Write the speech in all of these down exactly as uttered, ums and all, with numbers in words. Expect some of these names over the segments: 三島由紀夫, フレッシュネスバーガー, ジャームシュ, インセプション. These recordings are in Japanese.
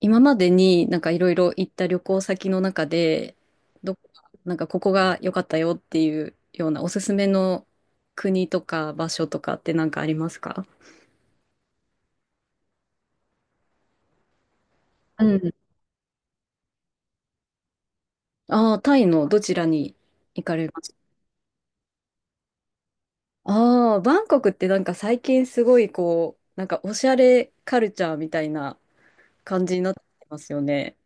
今までになんかいろいろ行った旅行先の中で、どこか、なんかここが良かったよっていうようなおすすめの国とか場所とかってなんかありますか？うん。ああタイのどちらに行かれます？ああバンコクってなんか最近すごいこう、なんかおしゃれカルチャーみたいな感じになってますよね。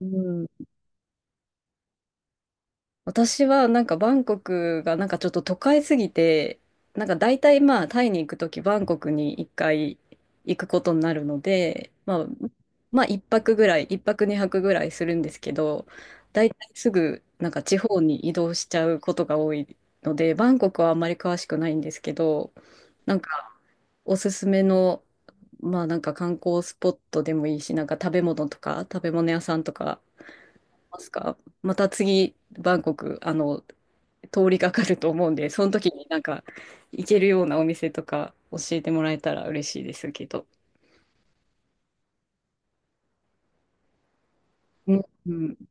うん。私はなんかバンコクがなんかちょっと都会すぎて、なんか大体まあタイに行くときバンコクにいっかい行くことになるので、まあ、まあ一泊ぐらい、いっぱくにはくぐらいするんですけど、大体すぐなんか地方に移動しちゃうことが多いので、バンコクはあんまり詳しくないんですけど、なんかおすすめの、まあなんか観光スポットでもいいし、なんか食べ物とか食べ物屋さんとかますか。また次、バンコク、あの、通りかかると思うんで、その時になんか、行けるようなお店とか教えてもらえたら嬉しいですけど。うん、うん。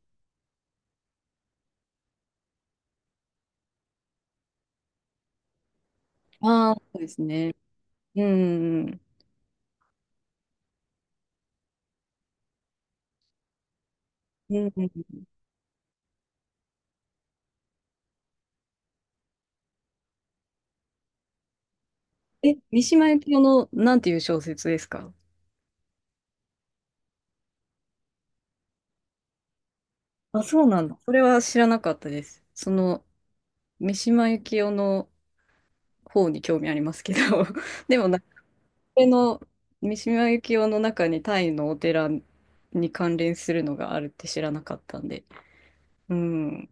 ああ、そうですね。うん、うん、うん。うん。え、三島由紀夫の、なんていう小説ですか？あ、そうなんだ。それは知らなかったです。その、三島由紀夫の方に興味ありますけど、でもなれの三島由紀夫の中にタイのお寺に関連するのがあるって知らなかったんで。うん。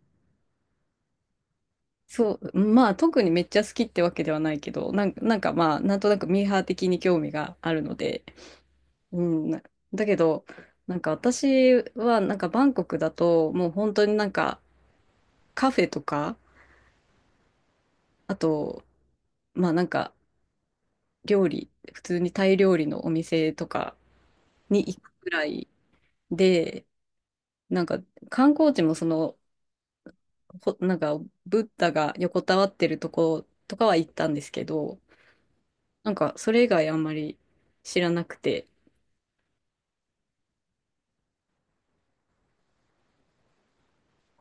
そう、まあ特にめっちゃ好きってわけではないけど、なんか、なんかまあなんとなくミーハー的に興味があるので、うん。なだけど、なんか私はなんかバンコクだともう本当になんかカフェとか、あと、まあなんか料理、普通にタイ料理のお店とかに行くくらいで、なんか観光地もそのほ、なんか、ブッダが横たわってるとことかは行ったんですけど、なんか、それ以外あんまり知らなくて、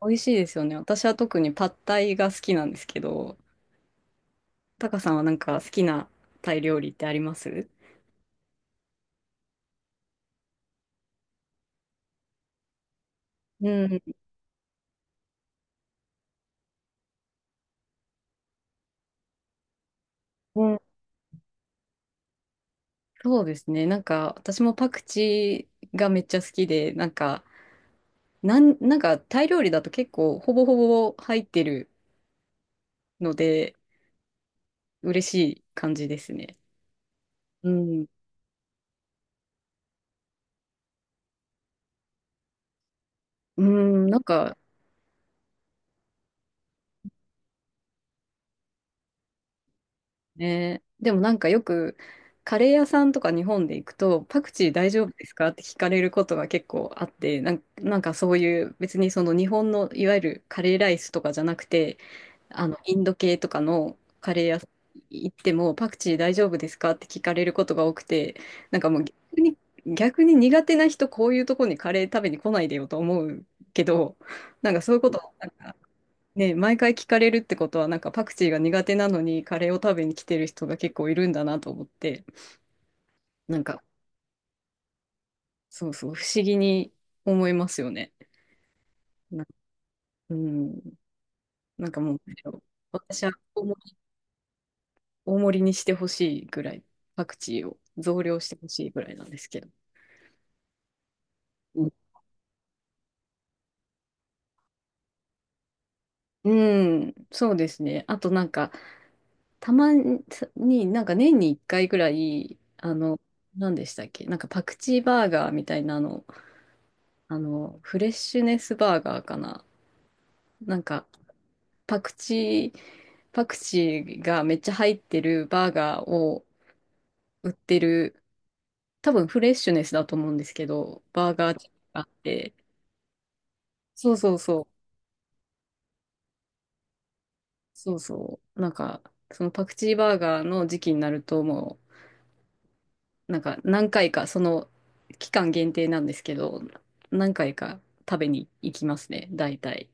美味しいですよね。私は特にパッタイが好きなんですけど、タカさんはなんか好きなタイ料理ってありますうん。うん、そうですね。なんか、私もパクチーがめっちゃ好きで、なんか、なん、なんか、タイ料理だと結構、ほぼほぼ入ってるので、嬉しい感じですね。うん。うん、なんか、ね。でもなんかよく、カレー屋さんとか日本で行くと、パクチー大丈夫ですかって聞かれることが結構あって、なん、なんかそういう別にその日本のいわゆるカレーライスとかじゃなくて、あの、インド系とかのカレー屋さん行ってもパクチー大丈夫ですかって聞かれることが多くて、なんかもう逆に、逆に苦手な人こういうとこにカレー食べに来ないでよと思うけど、なんかそういうこと、ね、毎回聞かれるってことは、なんかパクチーが苦手なのにカレーを食べに来てる人が結構いるんだなと思って、なんか、そうそう、不思議に思いますよね。な、うん、なんかもう、私は大盛り、大盛りにしてほしいぐらい、パクチーを増量してほしいぐらいなんですけど。うん、うん、そうですね。あとなんか、たまに、なんか年にいっかいぐらい、あの、何でしたっけ、なんかパクチーバーガーみたいなの、あの、フレッシュネスバーガーかな。なんか、パクチー、パクチーがめっちゃ入ってるバーガーを売ってる、多分フレッシュネスだと思うんですけど、バーガーチェーンがあって、そうそうそう、そうそう、なんか、そのパクチーバーガーの時期になると、もう、なんか何回か、その期間限定なんですけど、何回か食べに行きますね、大体。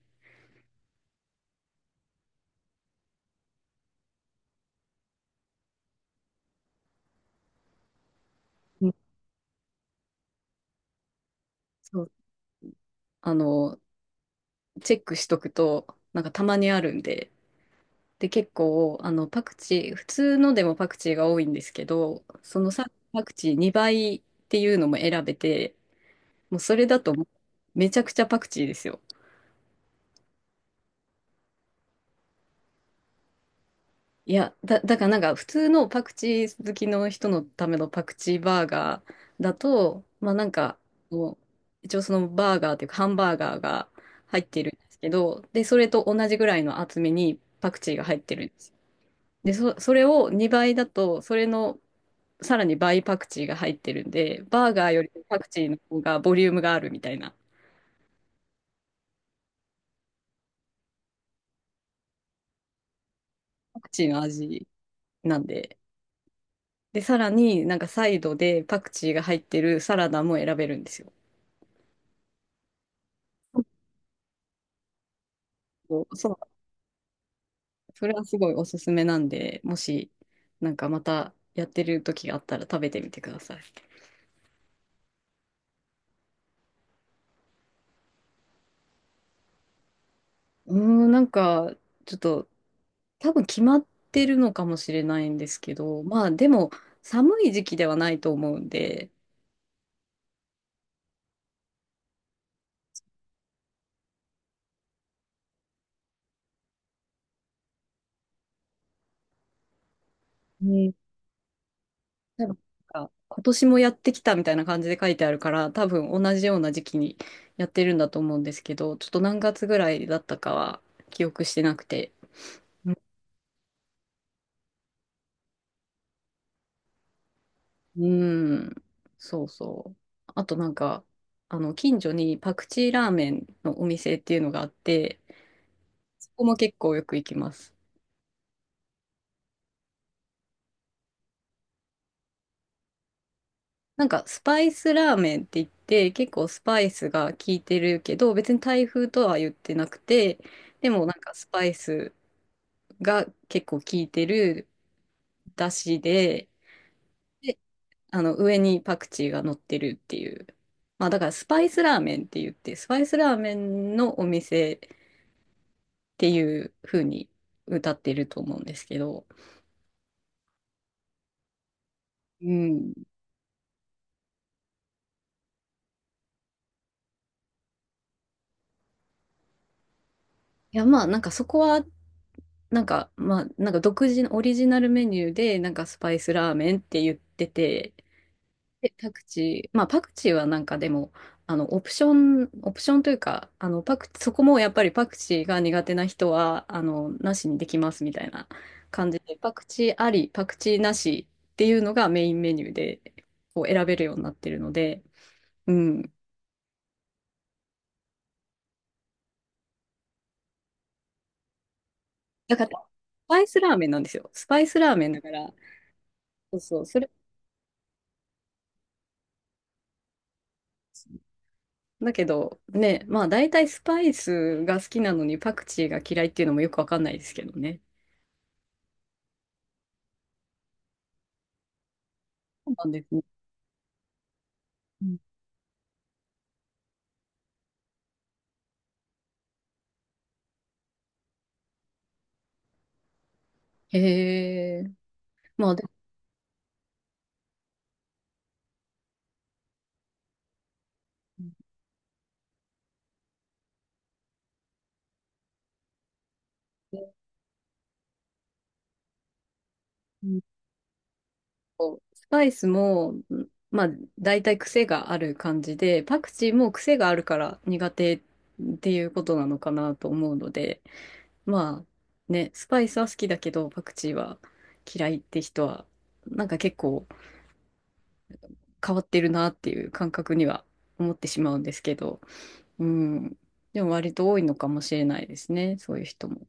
うん、そう、あの、チェックしとくと、なんかたまにあるんで、で、結構、あの、パクチー、普通のでもパクチーが多いんですけど、そのさ、パクチーにばいっていうのも選べて、もうそれだともうめちゃくちゃパクチーですよ。いや、だ、だからなんか普通のパクチー好きの人のためのパクチーバーガーだと、まあなんか、もう一応そのバーガーっていうかハンバーガーが入ってるんですけど、で、それと同じぐらいの厚みにパクチーが入ってるんですよ。で、そ、それをにばいだと、それのさらに倍パクチーが入ってるんで、バーガーよりパクチーの方がボリュームがあるみたいな、パクチーの味なんで。で、さらになんかサイドでパクチーが入ってるサラダも選べるんですよ。そう、そう、それはすごいおすすめなんで、もしなんかまたやってる時があったら食べてみてください。うーん、なんかちょっと多分決まってるのかもしれないんですけど、まあでも寒い時期ではないと思うんで、うん。多分なんか今年もやってきたみたいな感じで書いてあるから、多分同じような時期にやってるんだと思うんですけど、ちょっと何月ぐらいだったかは記憶してなくて。うん、うん、そうそう。あとなんか、あの、近所にパクチーラーメンのお店っていうのがあって、そこも結構よく行きます。なんかスパイスラーメンって言って、結構スパイスが効いてるけど、別に台風とは言ってなくて、でもなんかスパイスが結構効いてる、だしで、で、あの、上にパクチーが乗ってるっていう。まあ、だからスパイスラーメンって言って、スパイスラーメンのお店っていう風に歌ってると思うんですけど、うん。いや、まあ、なんかそこは、なんか、まあ、なんか独自のオリジナルメニューで、なんかスパイスラーメンって言ってて、で、パクチー、まあパクチーはなんかでも、あの、オプション、オプションというか、あの、パク、そこもやっぱりパクチーが苦手な人は、あの、なしにできますみたいな感じで、パクチーあり、パクチーなしっていうのがメインメニューで、こう選べるようになってるので、うん。だから、スパイスラーメンなんですよ。スパイスラーメンだから、そうそう、それ、だけど、ね、まあ大体スパイスが好きなのにパクチーが嫌いっていうのもよくわかんないですけどね。そうなんですね。へえ。まあでも、うんとスパイスも、うん、まあ大体癖がある感じで、パクチーも癖があるから苦手っていうことなのかなと思うので、まあね、スパイスは好きだけど、パクチーは嫌いって人は、なんか結構変わってるなっていう感覚には思ってしまうんですけど、うん。でも割と多いのかもしれないですね、そういう人も。